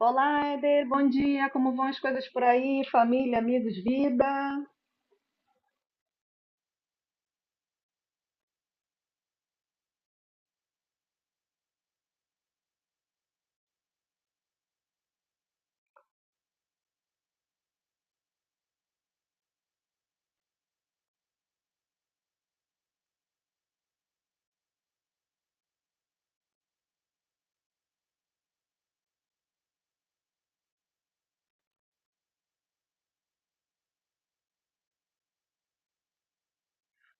Olá, Eder, bom dia. Como vão as coisas por aí? Família, amigos, vida?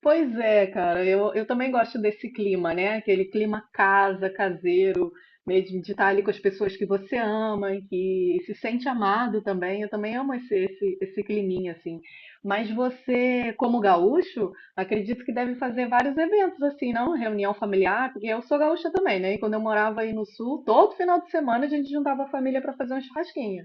Pois é, cara, eu também gosto desse clima, né? Aquele clima casa, caseiro, mesmo de estar ali com as pessoas que você ama e que se sente amado também. Eu também amo esse climinha, assim. Mas você, como gaúcho, acredito que deve fazer vários eventos, assim, não? Reunião familiar, porque eu sou gaúcha também, né? E quando eu morava aí no sul, todo final de semana a gente juntava a família para fazer um churrasquinho.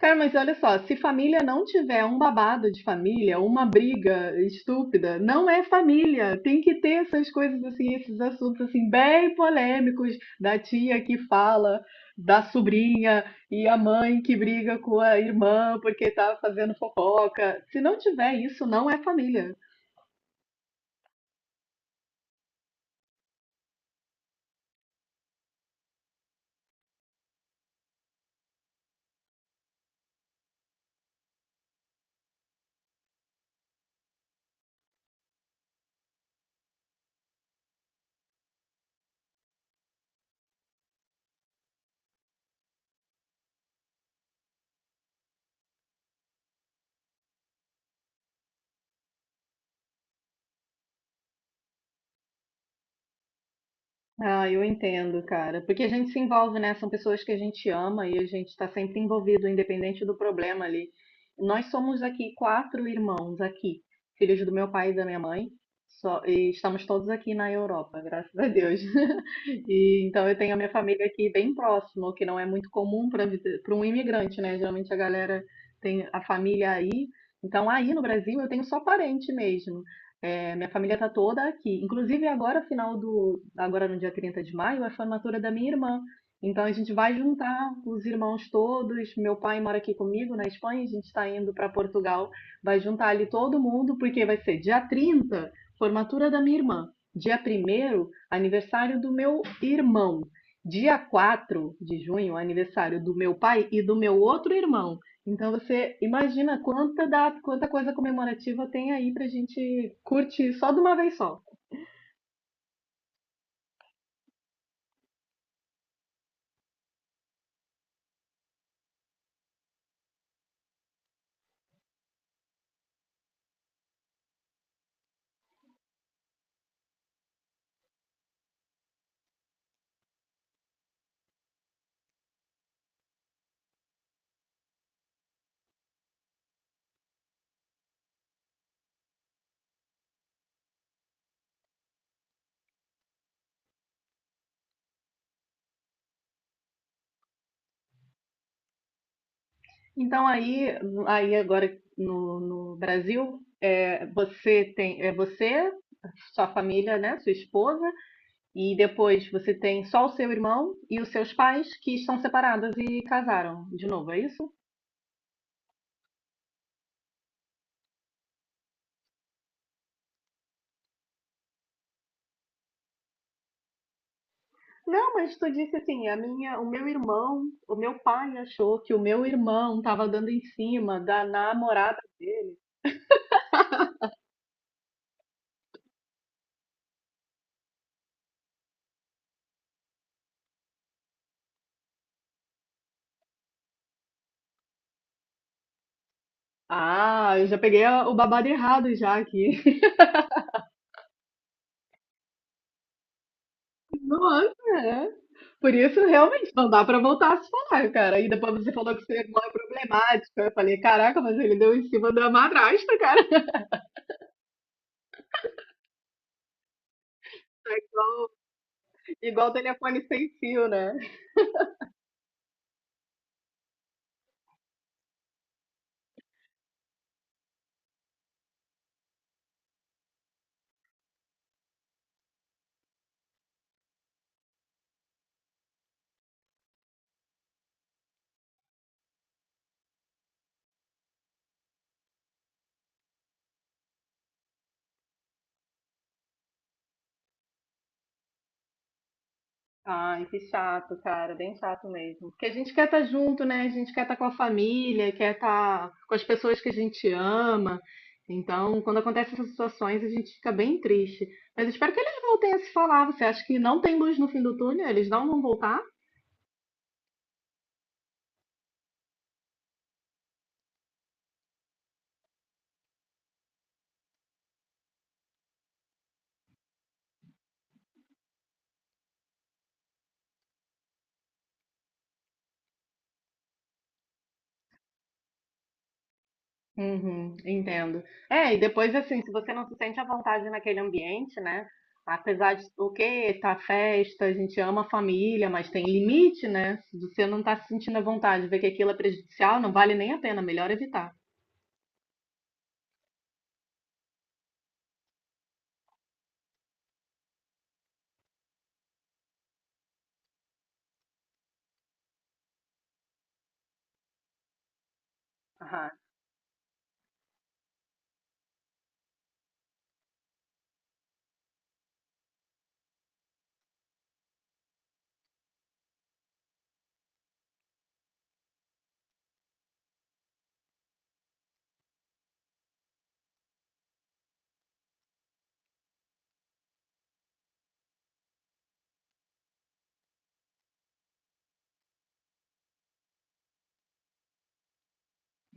Cara, mas olha só, se família não tiver um babado de família, uma briga estúpida, não é família. Tem que ter essas coisas assim, esses assuntos assim bem polêmicos da tia que fala, da sobrinha e a mãe que briga com a irmã porque tá fazendo fofoca. Se não tiver isso, não é família. Ah, eu entendo, cara. Porque a gente se envolve, né? São pessoas que a gente ama e a gente está sempre envolvido, independente do problema ali. Nós somos aqui quatro irmãos aqui, filhos do meu pai e da minha mãe. Só, e estamos todos aqui na Europa, graças a Deus. E então eu tenho a minha família aqui bem próximo, o que não é muito comum para um imigrante, né? Geralmente a galera tem a família aí. Então aí no Brasil eu tenho só parente mesmo. É, minha família tá toda aqui. Inclusive, agora, agora no dia 30 de maio, é a formatura da minha irmã. Então, a gente vai juntar os irmãos todos. Meu pai mora aqui comigo na Espanha, a gente está indo para Portugal. Vai juntar ali todo mundo, porque vai ser dia 30, formatura da minha irmã. Dia 1º, aniversário do meu irmão. Dia 4 de junho, aniversário do meu pai e do meu outro irmão. Então você imagina quanta, data, quanta coisa comemorativa tem aí pra gente curtir só de uma vez só. Então aí agora no Brasil, é, você tem é você, sua família, né, sua esposa, e depois você tem só o seu irmão e os seus pais que estão separados e casaram de novo, é isso? Não, mas tu disse assim, a minha, o meu irmão, o meu pai achou que o meu irmão estava dando em cima da namorada dele. Ah, eu já peguei o babado errado já aqui. Nossa, é. Por isso, realmente, não dá pra voltar a se falar, cara. E depois você falou que sua irmã é problemática. Eu falei, caraca, mas ele deu em cima da madrasta, cara. É igual, igual telefone sem fio, né? Ai, que chato, cara, bem chato mesmo. Porque a gente quer estar junto, né? A gente quer estar com a família, quer estar com as pessoas que a gente ama. Então, quando acontecem essas situações, a gente fica bem triste. Mas eu espero que eles voltem a se falar. Você acha que não tem luz no fim do túnel? Eles não vão voltar? Uhum, entendo. É, e depois, assim, se você não se sente à vontade naquele ambiente, né? Apesar de o que tá festa, a gente ama a família, mas tem limite, né? Se você não tá se sentindo à vontade, ver que aquilo é prejudicial, não vale nem a pena, melhor evitar. Aham.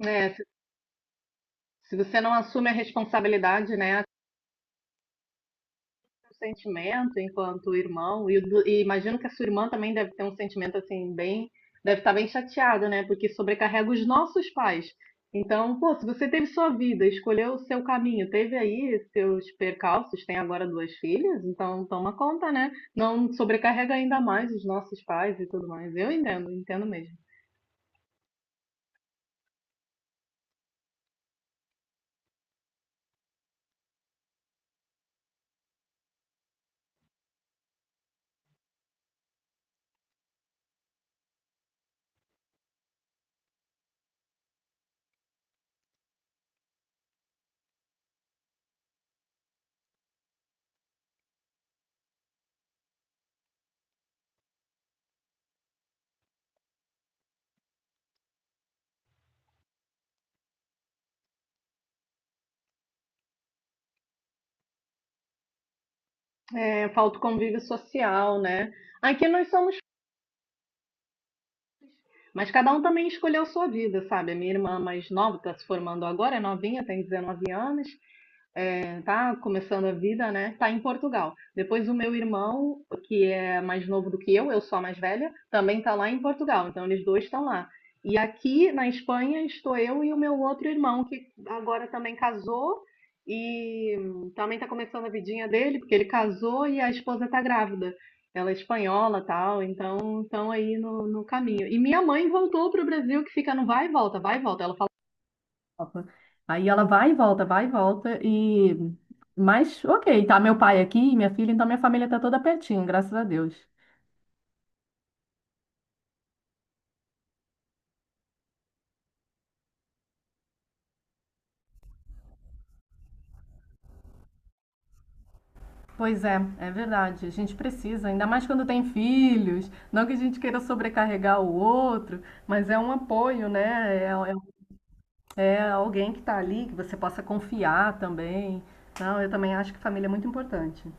É, se você não assume a responsabilidade, né? Um sentimento enquanto irmão, e, e imagino que a sua irmã também deve ter um sentimento assim, bem. Deve estar bem chateada, né? Porque sobrecarrega os nossos pais. Então, pô, se você teve sua vida, escolheu o seu caminho, teve aí seus percalços, tem agora duas filhas, então toma conta, né? Não sobrecarrega ainda mais os nossos pais e tudo mais. Eu entendo, entendo mesmo. É, falta o convívio social, né? Aqui nós somos. Mas cada um também escolheu sua vida, sabe? A minha irmã mais nova está se formando agora, é novinha, tem 19 anos, é, tá começando a vida, né? Tá em Portugal. Depois o meu irmão, que é mais novo do que eu sou a mais velha, também tá lá em Portugal. Então eles dois estão lá. E aqui na Espanha estou eu e o meu outro irmão, que agora também casou e também tá começando a vidinha dele, porque ele casou e a esposa tá grávida. Ela é espanhola, tal, então estão aí no caminho. E minha mãe voltou pro Brasil, que fica no vai e volta, vai e volta. Ela Copa. Aí ela vai e volta e mas ok, tá meu pai aqui, e minha filha, então minha família tá toda pertinho, graças a Deus. Pois é, é verdade. A gente precisa, ainda mais quando tem filhos. Não que a gente queira sobrecarregar o outro, mas é um apoio, né? É, é alguém que tá ali, que você possa confiar também. Não, eu também acho que família é muito importante.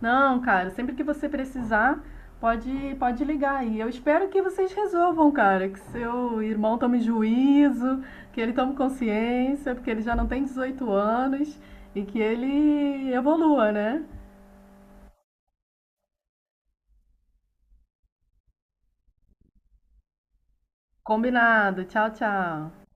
Não, cara, sempre que você precisar, pode, pode ligar aí. Eu espero que vocês resolvam, cara, que seu irmão tome juízo, que ele tome consciência, porque ele já não tem 18 anos e que ele evolua, né? Combinado. Tchau, tchau.